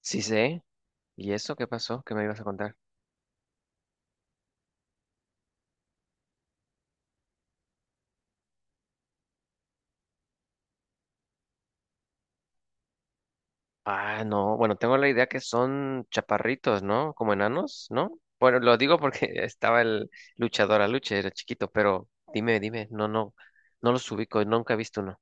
Sí sé. ¿Y eso qué pasó? ¿Qué me ibas a contar? Ah, no. Bueno, tengo la idea que son chaparritos, ¿no? Como enanos, ¿no? Bueno, lo digo porque estaba el luchador Aluche, era chiquito, pero dime. No, no. No los ubico, nunca he visto uno.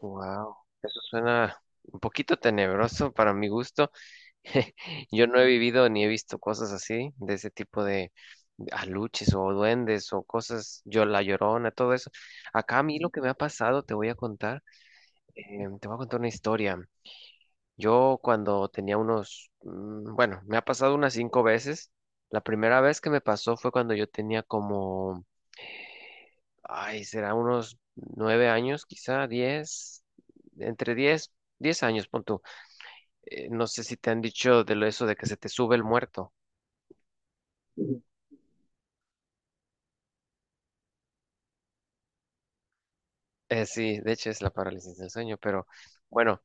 Wow. Eso suena un poquito tenebroso para mi gusto. Yo no he vivido ni he visto cosas así, de ese tipo de aluches o duendes o cosas, yo la llorona, todo eso. Acá a mí lo que me ha pasado, te voy a contar. Te voy a contar una historia. Yo cuando tenía unos, bueno, me ha pasado unas cinco veces. La primera vez que me pasó fue cuando yo tenía como, ay, será unos nueve años, quizá diez, entre diez, diez años, pon tú. No sé si te han dicho de lo eso de que se te sube el muerto. Sí, de hecho es la parálisis del sueño, pero bueno,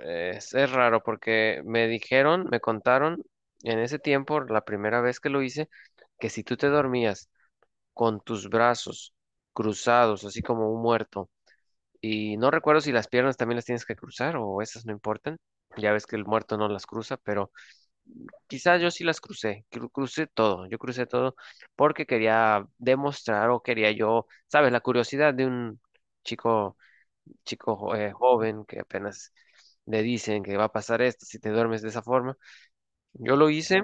es raro porque me dijeron, me contaron en ese tiempo, la primera vez que lo hice, que si tú te dormías con tus brazos cruzados, así como un muerto. Y no recuerdo si las piernas también las tienes que cruzar o esas no importan. Ya ves que el muerto no las cruza, pero quizás yo sí las crucé, crucé todo, yo crucé todo porque quería demostrar o quería yo, sabes, la curiosidad de un chico, joven que apenas le dicen que va a pasar esto si te duermes de esa forma. Yo lo hice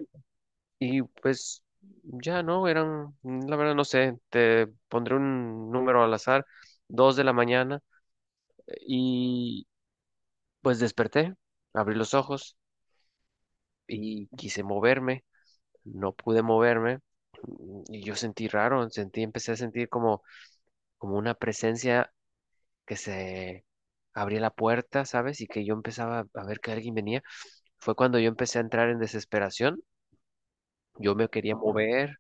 y pues ya no, eran, la verdad no sé, te pondré un número al azar, dos de la mañana, y pues desperté, abrí los ojos y quise moverme, no pude moverme, y yo sentí raro, sentí, empecé a sentir como, como una presencia que se abría la puerta, ¿sabes? Y que yo empezaba a ver que alguien venía. Fue cuando yo empecé a entrar en desesperación, yo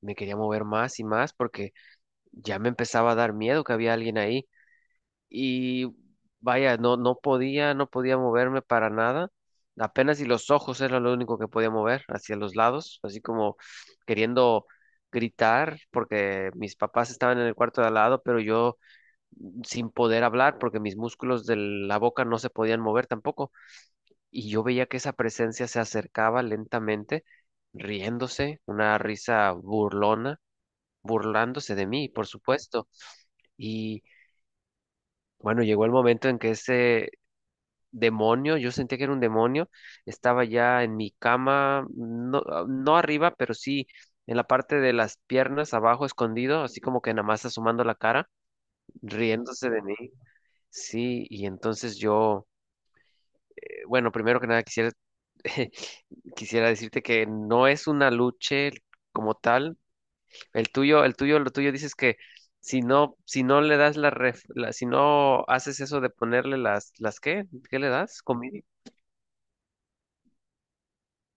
me quería mover más y más porque ya me empezaba a dar miedo que había alguien ahí y vaya, no, no podía moverme para nada. Apenas y los ojos era lo único que podía mover hacia los lados, así como queriendo gritar porque mis papás estaban en el cuarto de al lado, pero yo sin poder hablar porque mis músculos de la boca no se podían mover tampoco. Y yo veía que esa presencia se acercaba lentamente, riéndose, una risa burlona burlándose de mí, por supuesto. Y bueno, llegó el momento en que ese demonio, yo sentía que era un demonio, estaba ya en mi cama, no, ah, no arriba, pero sí en la parte de las piernas, abajo, escondido, así como que nada más asomando la cara, riéndose de mí. Sí, y entonces yo, bueno, primero que nada quisiera, quisiera decirte que no es una lucha como tal. El tuyo, lo tuyo dices que si no, si no le das la, si no haces eso de ponerle las qué, ¿qué le das? Comida.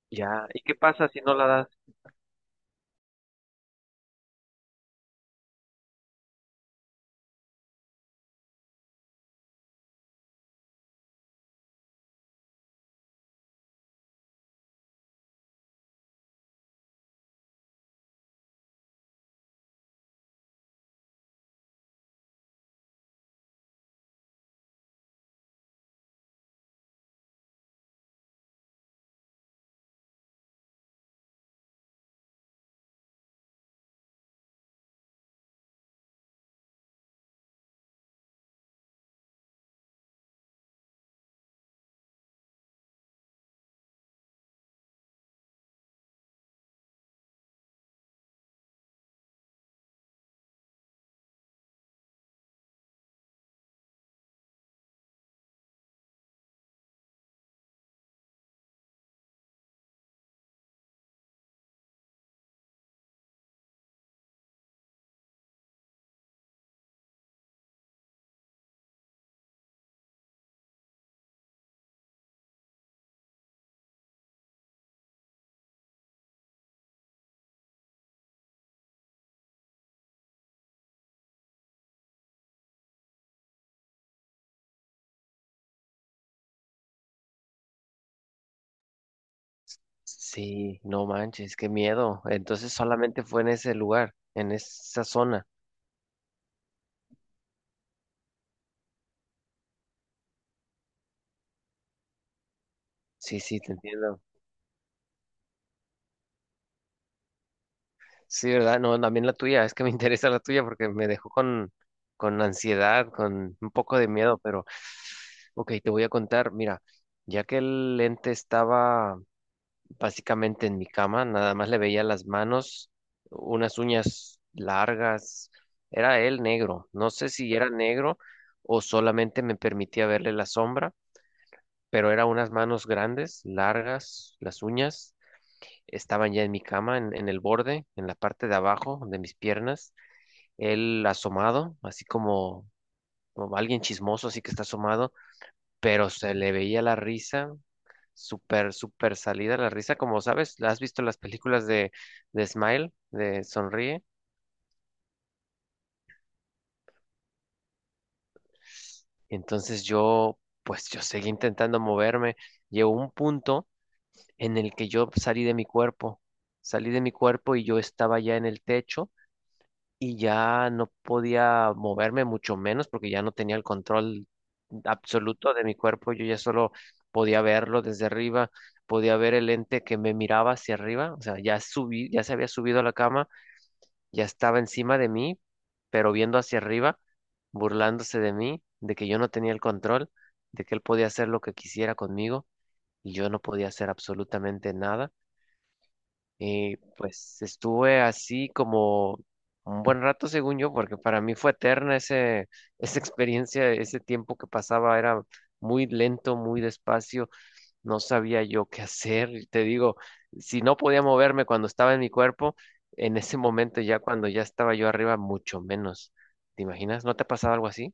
Ya. ¿Y qué pasa si no la das? Sí, no manches, qué miedo. Entonces solamente fue en ese lugar, en esa zona. Sí, sí, te entiendo. Sí, ¿verdad? No, también la tuya, es que me interesa la tuya porque me dejó con ansiedad, con un poco de miedo, pero ok, te voy a contar, mira, ya que el lente estaba básicamente en mi cama, nada más le veía las manos, unas uñas largas, era él negro, no sé si era negro o solamente me permitía verle la sombra, pero eran unas manos grandes, largas, las uñas estaban ya en mi cama, en el borde, en la parte de abajo de mis piernas, él asomado, así como, como alguien chismoso, así que está asomado pero se le veía la risa, súper, súper salida la risa, como sabes, ¿has visto las películas de Smile, de Sonríe? Entonces yo, pues yo seguí intentando moverme, llegó un punto en el que yo salí de mi cuerpo, salí de mi cuerpo y yo estaba ya en el techo y ya no podía moverme mucho menos porque ya no tenía el control absoluto de mi cuerpo, yo ya solo podía verlo desde arriba, podía ver el ente que me miraba hacia arriba, o sea, ya subí, ya se había subido a la cama, ya estaba encima de mí, pero viendo hacia arriba, burlándose de mí, de que yo no tenía el control, de que él podía hacer lo que quisiera conmigo y yo no podía hacer absolutamente nada. Y pues estuve así como un buen rato, según yo, porque para mí fue eterna ese, esa experiencia, ese tiempo que pasaba era muy lento, muy despacio, no sabía yo qué hacer. Y te digo, si no podía moverme cuando estaba en mi cuerpo, en ese momento ya cuando ya estaba yo arriba, mucho menos. ¿Te imaginas? ¿No te ha pasado algo así?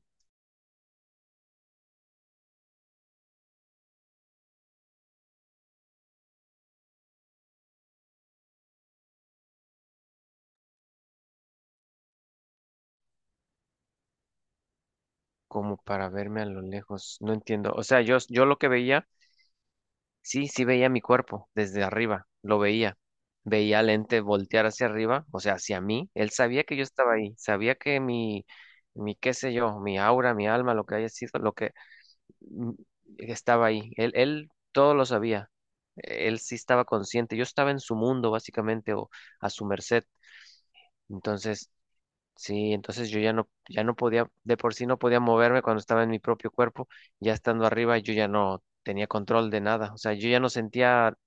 Como para verme a lo lejos, no entiendo. O sea, yo lo que veía. Sí, sí veía mi cuerpo desde arriba, lo veía. Veía al ente voltear hacia arriba, o sea, hacia mí. Él sabía que yo estaba ahí, sabía que mi qué sé yo, mi aura, mi alma, lo que haya sido, lo que mm, estaba ahí. Él, todo lo sabía. Él sí estaba consciente. Yo estaba en su mundo, básicamente, o a su merced. Entonces, sí, entonces yo ya no, ya no podía, de por sí no podía moverme cuando estaba en mi propio cuerpo. Ya estando arriba, yo ya no tenía control de nada. O sea, yo ya no sentía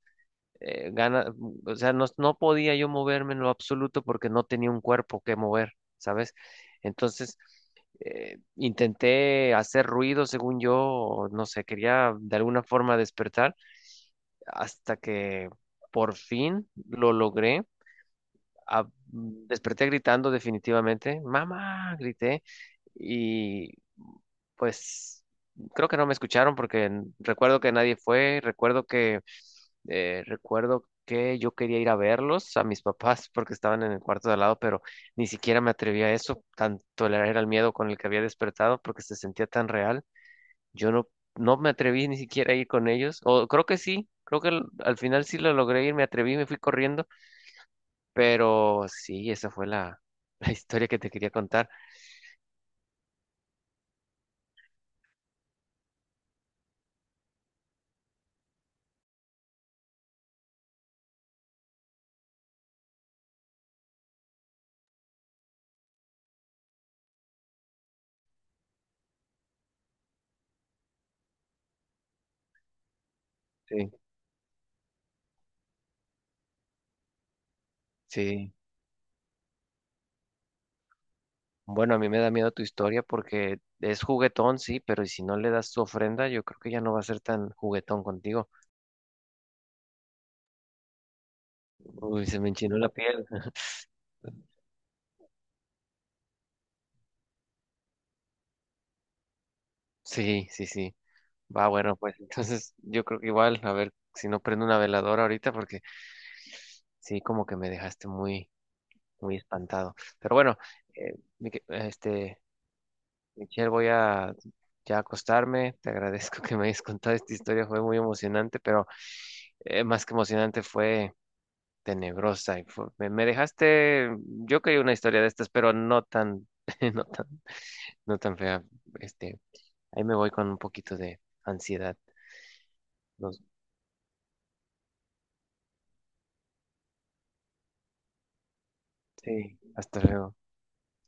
gana, o sea, no, no podía yo moverme en lo absoluto porque no tenía un cuerpo que mover, ¿sabes? Entonces, intenté hacer ruido, según yo, o no sé, quería de alguna forma despertar, hasta que por fin lo logré. Ah, desperté gritando definitivamente, mamá, grité, y pues creo que no me escucharon porque recuerdo que nadie fue, recuerdo que yo quería ir a verlos a mis papás porque estaban en el cuarto de al lado, pero ni siquiera me atreví a eso, tanto era el miedo con el que había despertado porque se sentía tan real. Yo no, no me atreví ni siquiera a ir con ellos, o creo que sí, creo que al final sí lo logré ir, me atreví, me fui corriendo, pero sí, esa fue la, la historia que te quería contar. Sí, sí. Bueno, a mí me da miedo tu historia porque es juguetón, sí, pero y si no le das tu ofrenda, yo creo que ya no va a ser tan juguetón contigo. Uy, se me enchinó la piel. Sí, sí, sí. Va, bueno, pues entonces yo creo que igual, a ver si no prendo una veladora ahorita porque sí, como que me dejaste muy, muy espantado. Pero bueno, eh, Mique- este, Michelle, voy a ya acostarme. Te agradezco que me hayas contado esta historia, fue muy emocionante, pero más que emocionante fue tenebrosa. Me dejaste, yo quería una historia de estas, pero no tan, no tan, no tan fea. Este, ahí me voy con un poquito de ansiedad. Los- sí, hasta luego.